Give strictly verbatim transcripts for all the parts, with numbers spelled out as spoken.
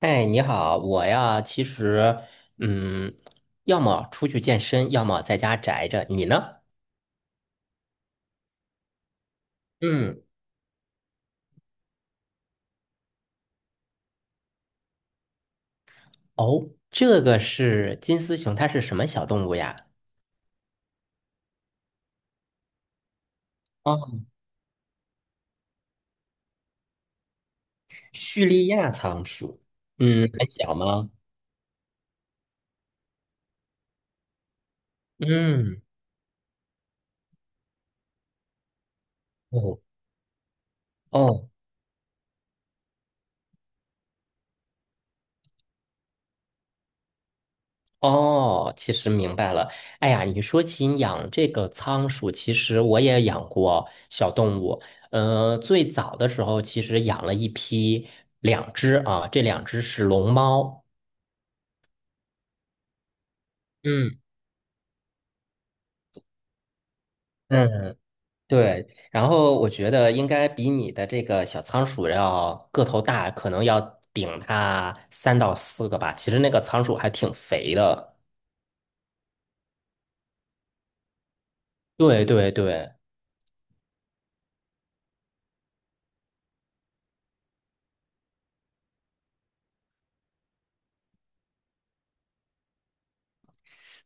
哎，你好，我呀，其实，嗯，要么出去健身，要么在家宅着。你呢？嗯。哦，这个是金丝熊，它是什么小动物呀？哦，叙利亚仓鼠。嗯，很小吗？嗯。哦哦哦，其实明白了。哎呀，你说起养这个仓鼠，其实我也养过小动物。呃，最早的时候，其实养了一批，两只啊，这两只是龙猫。嗯。嗯，对，然后我觉得应该比你的这个小仓鼠要个头大，可能要顶它三到四个吧。其实那个仓鼠还挺肥的。对对对。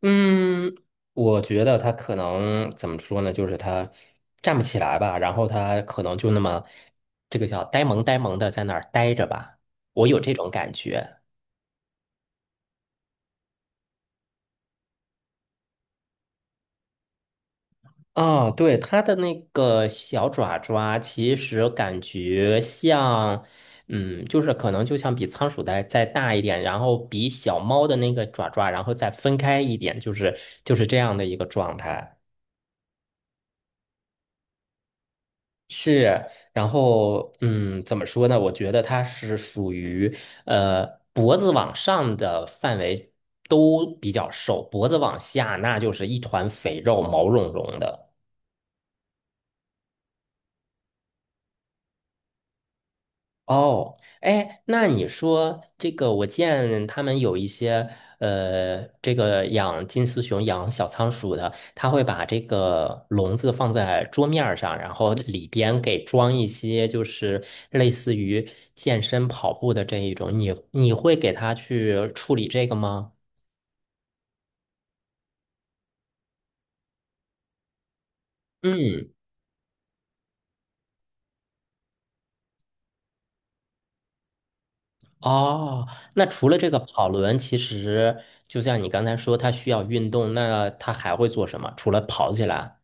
嗯，我觉得它可能怎么说呢，就是它站不起来吧，然后它可能就那么这个叫呆萌呆萌的在那儿呆着吧，我有这种感觉。啊，对，它的那个小爪爪，其实感觉像，嗯，就是可能就像比仓鼠的再大一点，然后比小猫的那个爪爪，然后再分开一点，就是就是这样的一个状态。是，然后嗯，怎么说呢？我觉得它是属于呃脖子往上的范围都比较瘦，脖子往下那就是一团肥肉，毛茸茸的。哦。哎，那你说这个，我见他们有一些呃，这个养金丝熊、养小仓鼠的，他会把这个笼子放在桌面儿上，然后里边给装一些就是类似于健身跑步的这一种，你你会给他去处理这个吗？嗯。哦，那除了这个跑轮，其实就像你刚才说，它需要运动，那它还会做什么？除了跑起来？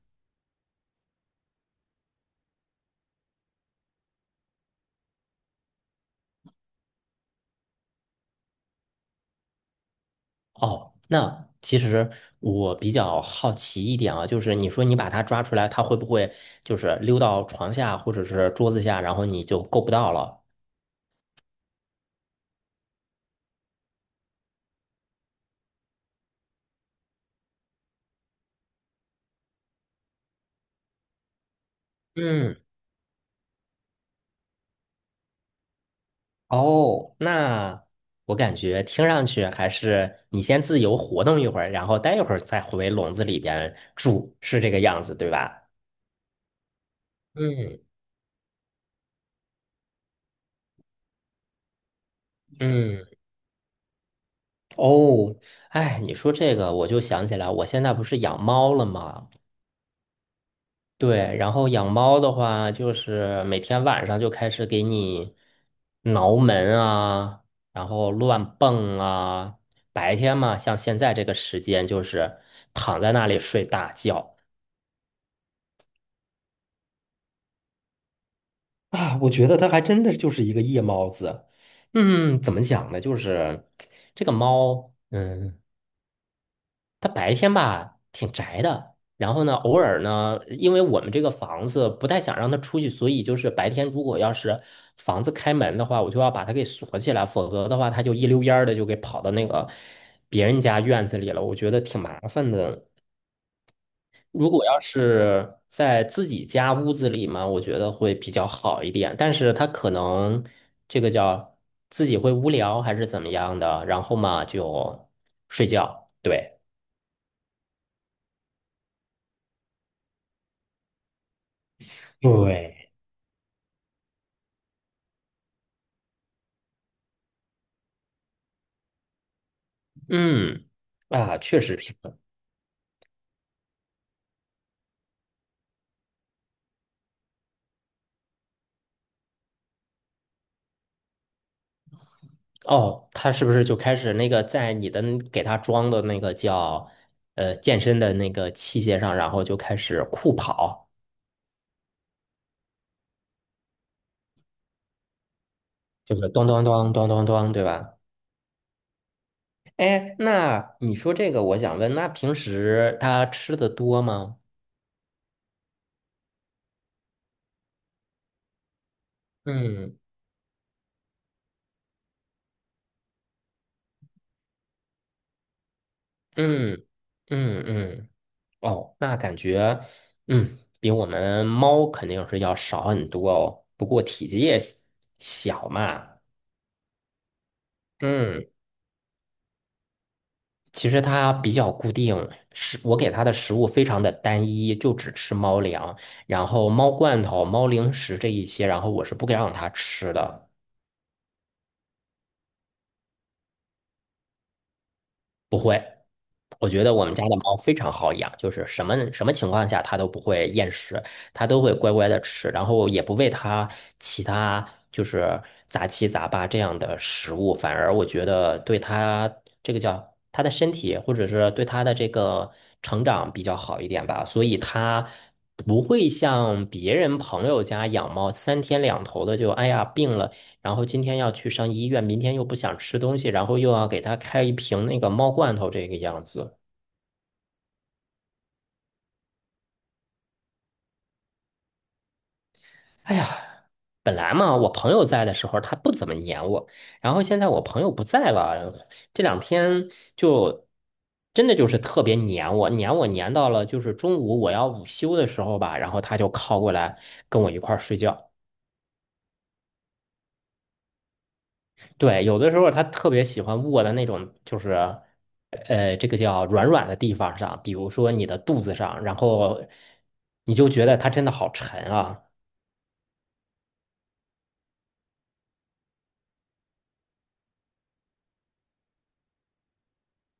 哦，那其实我比较好奇一点啊，就是你说你把它抓出来，它会不会就是溜到床下或者是桌子下，然后你就够不到了？嗯。哦，那我感觉听上去还是你先自由活动一会儿，然后待一会儿再回笼子里边住，是这个样子，对吧？嗯嗯。哦，哎，你说这个我就想起来，我现在不是养猫了吗？对，然后养猫的话，就是每天晚上就开始给你挠门啊，然后乱蹦啊。白天嘛，像现在这个时间，就是躺在那里睡大觉。啊，我觉得它还真的就是一个夜猫子。嗯，怎么讲呢？就是这个猫，嗯。他白天吧挺宅的，然后呢，偶尔呢，因为我们这个房子不太想让他出去，所以就是白天如果要是房子开门的话，我就要把它给锁起来，否则的话，他就一溜烟儿的就给跑到那个别人家院子里了，我觉得挺麻烦的。如果要是在自己家屋子里嘛，我觉得会比较好一点，但是他可能这个叫自己会无聊还是怎么样的，然后嘛就睡觉，对。对。嗯，啊，确实平衡哦，他是不是就开始那个在你的那给他装的那个叫呃健身的那个器械上，然后就开始酷跑，就是咚咚咚咚咚咚，对吧？哎，那你说这个，我想问，那平时他吃的多吗？嗯嗯嗯嗯，哦，那感觉嗯比我们猫肯定是要少很多哦，不过体积也小嘛。嗯。其实它比较固定，食我给它的食物非常的单一，就只吃猫粮，然后猫罐头、猫零食这一些，然后我是不给让它吃的。我觉得我们家的猫非常好养，就是什么什么情况下它都不会厌食，它都会乖乖的吃，然后也不喂它其他就是杂七杂八这样的食物，反而我觉得对它这个叫它的身体或者是对它的这个成长比较好一点吧，所以它不会像别人朋友家养猫三天两头的就哎呀病了。然后今天要去上医院，明天又不想吃东西，然后又要给它开一瓶那个猫罐头，这个样子。哎呀，本来嘛，我朋友在的时候他不怎么黏我，然后现在我朋友不在了，这两天就真的就是特别黏我，黏我黏到了就是中午我要午休的时候吧，然后他就靠过来跟我一块儿睡觉。对，有的时候他特别喜欢卧在那种就是呃这个叫软软的地方上，比如说你的肚子上，然后你就觉得他真的好沉啊。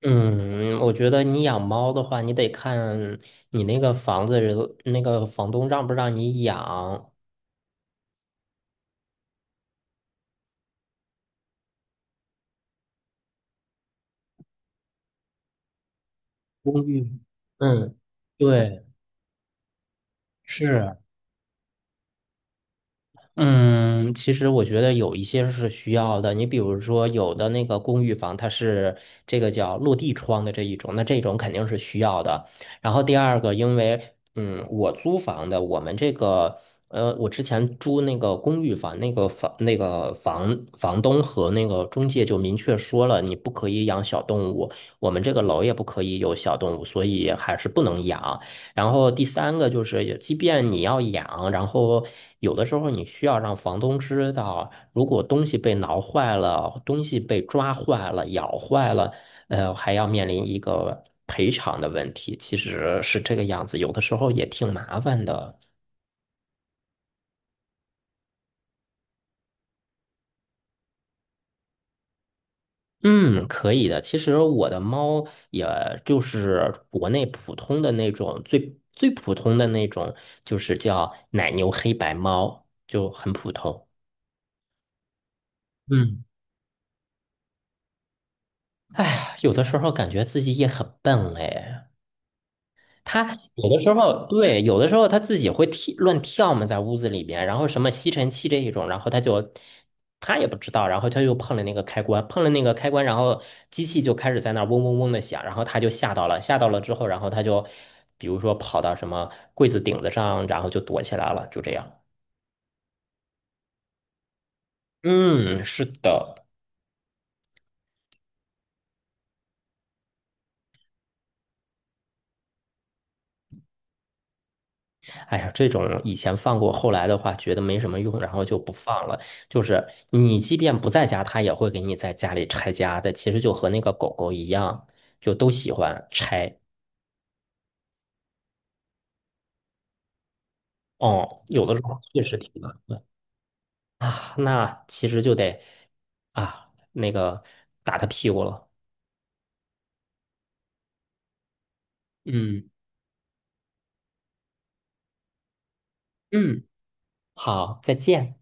嗯，我觉得你养猫的话，你得看你那个房子那个房东让不让你养公寓。嗯，对，是。嗯，其实我觉得有一些是需要的。你比如说，有的那个公寓房，它是这个叫落地窗的这一种，那这种肯定是需要的。然后第二个，因为嗯，我租房的，我们这个呃，我之前租那个公寓房，那个房那个房房东和那个中介就明确说了，你不可以养小动物，我们这个楼也不可以有小动物，所以还是不能养。然后第三个就是，即便你要养，然后有的时候你需要让房东知道，如果东西被挠坏了，东西被抓坏了、咬坏了，呃，还要面临一个赔偿的问题，其实是这个样子，有的时候也挺麻烦的。嗯，可以的。其实我的猫也就是国内普通的那种，最最普通的那种，就是叫奶牛黑白猫，就很普通。嗯。哎呀，有的时候感觉自己也很笨嘞。他有的时候对，有的时候他自己会跳乱跳嘛，在屋子里边，然后什么吸尘器这一种，然后他就他也不知道，然后他又碰了那个开关，碰了那个开关，然后机器就开始在那儿嗡嗡嗡的响，然后他就吓到了，吓到了之后，然后他就比如说跑到什么柜子顶子上，然后就躲起来了，就这样。嗯，是的。哎呀，这种以前放过，后来的话觉得没什么用，然后就不放了。就是你即便不在家，它也会给你在家里拆家的。其实就和那个狗狗一样，就都喜欢拆。哦，有的时候确实挺难的啊。那其实就得啊，那个打它屁股了。嗯嗯，好，再见。